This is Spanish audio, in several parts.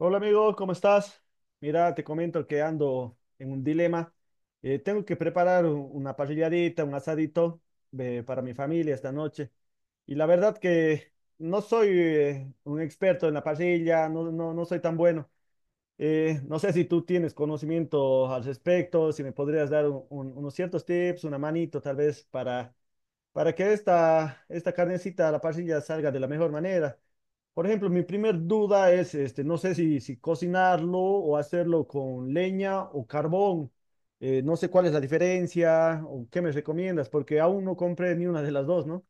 Hola amigo, ¿cómo estás? Mira, te comento que ando en un dilema. Tengo que preparar una parrilladita, un asadito para mi familia esta noche. Y la verdad que no soy un experto en la parrilla, no, no, no soy tan bueno. No sé si tú tienes conocimiento al respecto, si me podrías dar unos ciertos tips, una manito tal vez para que esta carnecita a la parrilla salga de la mejor manera. Por ejemplo, mi primer duda es, este, no sé si cocinarlo o hacerlo con leña o carbón. No sé cuál es la diferencia o qué me recomiendas, porque aún no compré ni una de las dos, ¿no?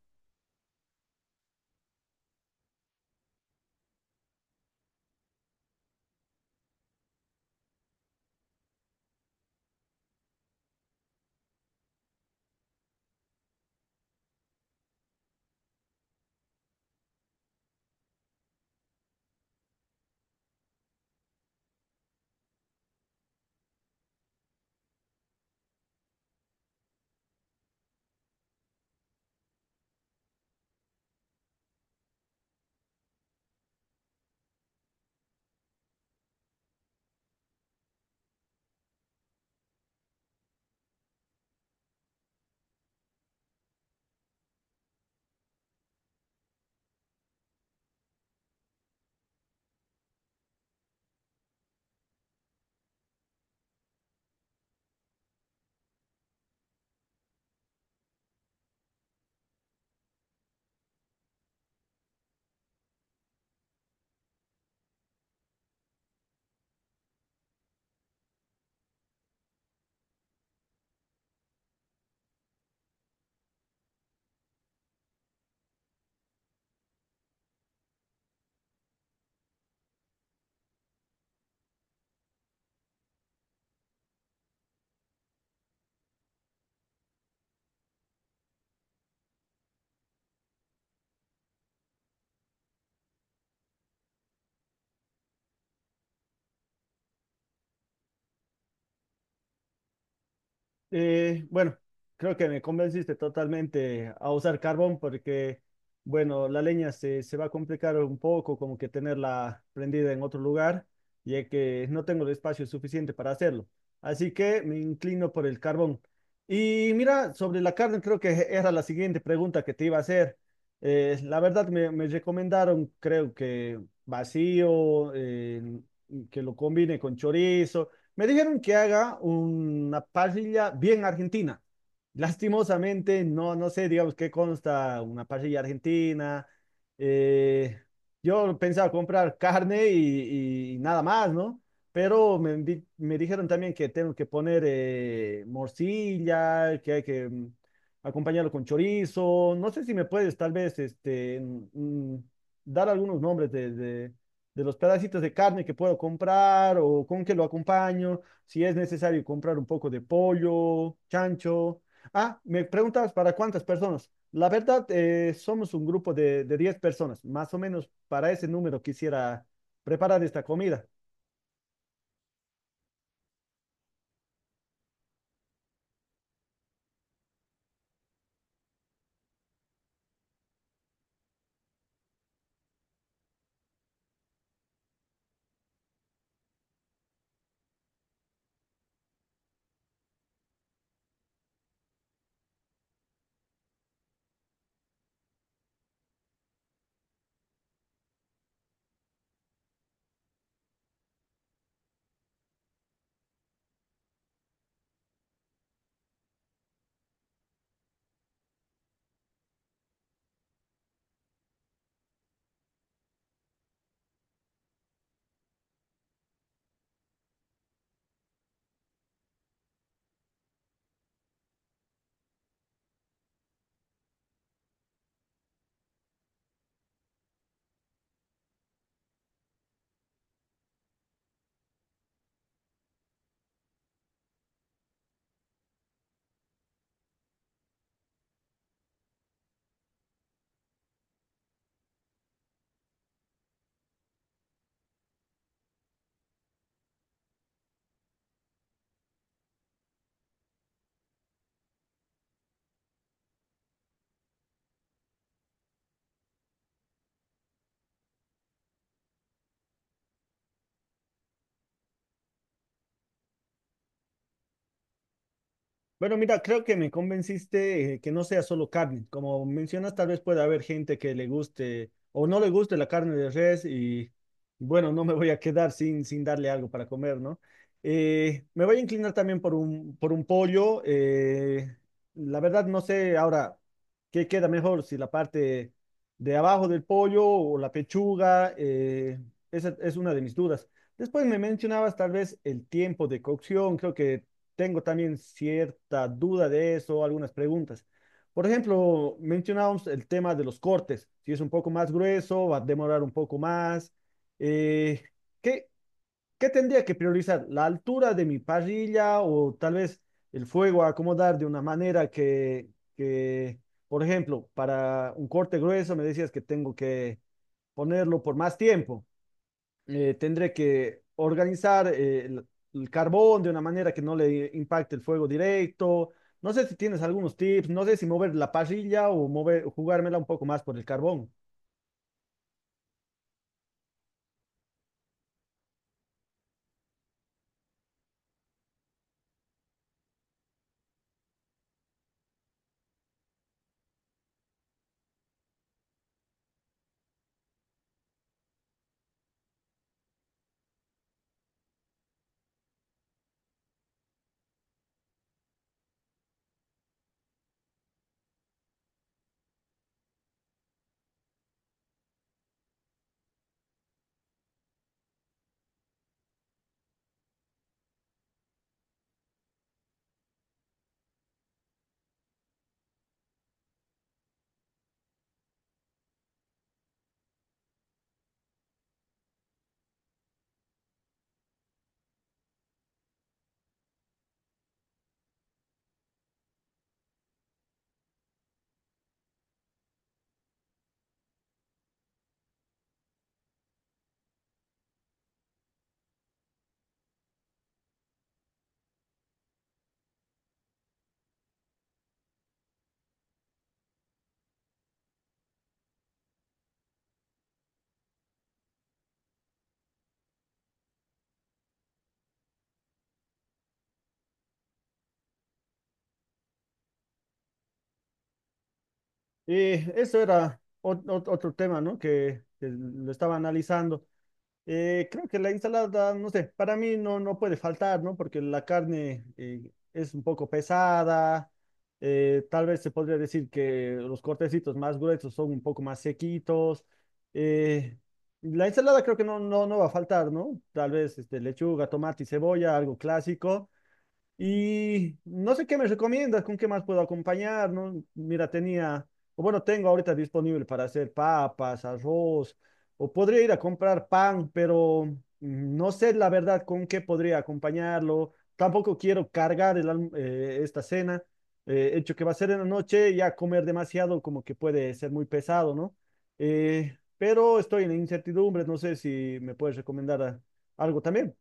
Bueno, creo que me convenciste totalmente a usar carbón porque, bueno, la leña se va a complicar un poco, como que tenerla prendida en otro lugar, ya que no tengo el espacio suficiente para hacerlo. Así que me inclino por el carbón. Y mira, sobre la carne, creo que era la siguiente pregunta que te iba a hacer. La verdad, me recomendaron, creo que vacío, que lo combine con chorizo. Me dijeron que haga una parrilla bien argentina. Lastimosamente, no, no sé, digamos, qué consta una parrilla argentina. Eh, yo pensaba comprar carne y nada más, ¿no? Pero me dijeron también que tengo que poner morcilla, que hay que acompañarlo con chorizo. No sé si me puedes tal vez este, dar algunos nombres de los pedacitos de carne que puedo comprar o con qué lo acompaño, si es necesario comprar un poco de pollo, chancho. Ah, me preguntabas para cuántas personas. La verdad, somos un grupo de 10 personas. Más o menos para ese número quisiera preparar esta comida. Bueno, mira, creo que me convenciste que no sea solo carne. Como mencionas, tal vez pueda haber gente que le guste o no le guste la carne de res y bueno, no me voy a quedar sin darle algo para comer, ¿no? Me voy a inclinar también por por un pollo. La verdad, no sé ahora qué queda mejor, si la parte de abajo del pollo o la pechuga. Esa es una de mis dudas. Después me mencionabas tal vez el tiempo de cocción. Creo que tengo también cierta duda de eso, algunas preguntas. Por ejemplo, mencionábamos el tema de los cortes. Si es un poco más grueso, va a demorar un poco más. Eh, ¿qué, Qué tendría que priorizar? ¿La altura de mi parrilla o tal vez el fuego a acomodar de una manera que, por ejemplo, para un corte grueso me decías que tengo que ponerlo por más tiempo? Tendré que organizar el carbón de una manera que no le impacte el fuego directo. No sé si tienes algunos tips, no sé si mover la parrilla o mover, jugármela un poco más por el carbón. Y eso era otro tema, ¿no? Que lo estaba analizando. Creo que la ensalada, no sé, para mí no, no puede faltar, ¿no? Porque la carne es un poco pesada, tal vez se podría decir que los cortecitos más gruesos son un poco más sequitos. eh, la ensalada creo que no, no, no va a faltar, ¿no? Tal vez este, lechuga, tomate y cebolla, algo clásico. Y no sé qué me recomiendas, con qué más puedo acompañar, ¿no? Mira, tenía, o bueno, tengo ahorita disponible para hacer papas, arroz, o podría ir a comprar pan, pero no sé la verdad con qué podría acompañarlo. Tampoco quiero cargar esta cena, hecho que va a ser en la noche, ya comer demasiado como que puede ser muy pesado, ¿no? Pero estoy en incertidumbre, no sé si me puedes recomendar ah, algo también.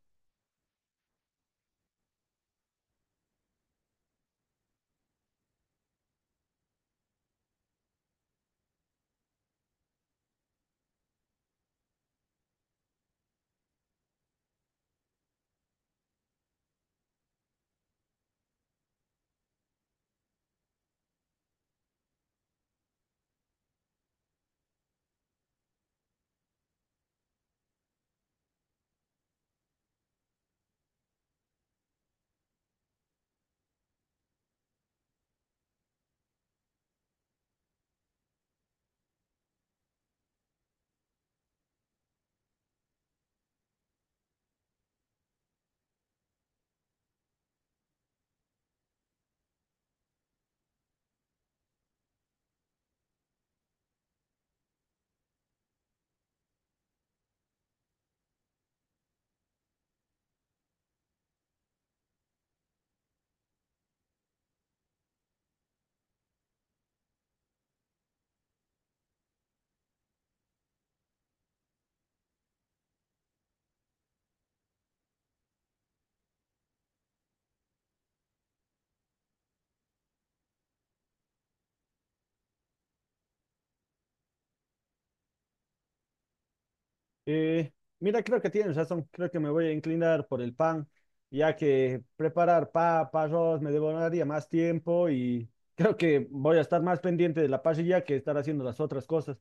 Eh, Mira, creo que tienes razón. Creo que me voy a inclinar por el pan, ya que preparar papa, arroz me demoraría más tiempo y creo que voy a estar más pendiente de la parrilla que estar haciendo las otras cosas.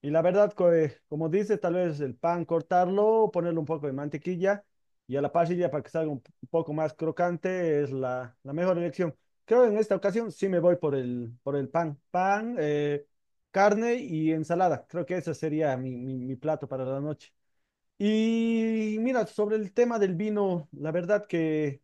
Y la verdad, como dices, tal vez el pan cortarlo, ponerle un poco de mantequilla y a la parrilla para que salga un poco más crocante es la, la mejor elección. Creo en esta ocasión sí me voy por por el pan. Pan, carne y ensalada. Creo que ese sería mi, mi plato para la noche. Y mira, sobre el tema del vino, la verdad que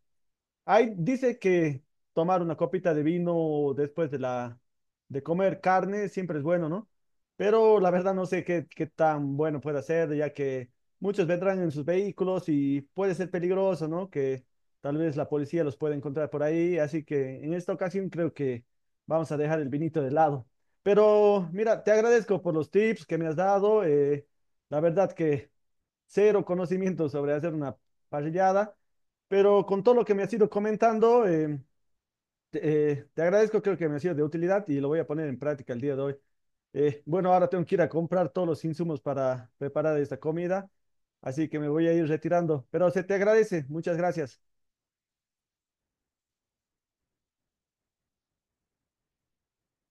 hay, dice que tomar una copita de vino después de la de comer carne siempre es bueno, ¿no? Pero la verdad no sé qué tan bueno puede ser, ya que muchos vendrán en sus vehículos y puede ser peligroso, ¿no? Que tal vez la policía los pueda encontrar por ahí. Así que en esta ocasión creo que vamos a dejar el vinito de lado. Pero mira, te agradezco por los tips que me has dado. La verdad que cero conocimiento sobre hacer una parrillada, pero con todo lo que me has ido comentando, te agradezco, creo que me ha sido de utilidad y lo voy a poner en práctica el día de hoy. Bueno, ahora tengo que ir a comprar todos los insumos para preparar esta comida, así que me voy a ir retirando, pero se te agradece, muchas gracias.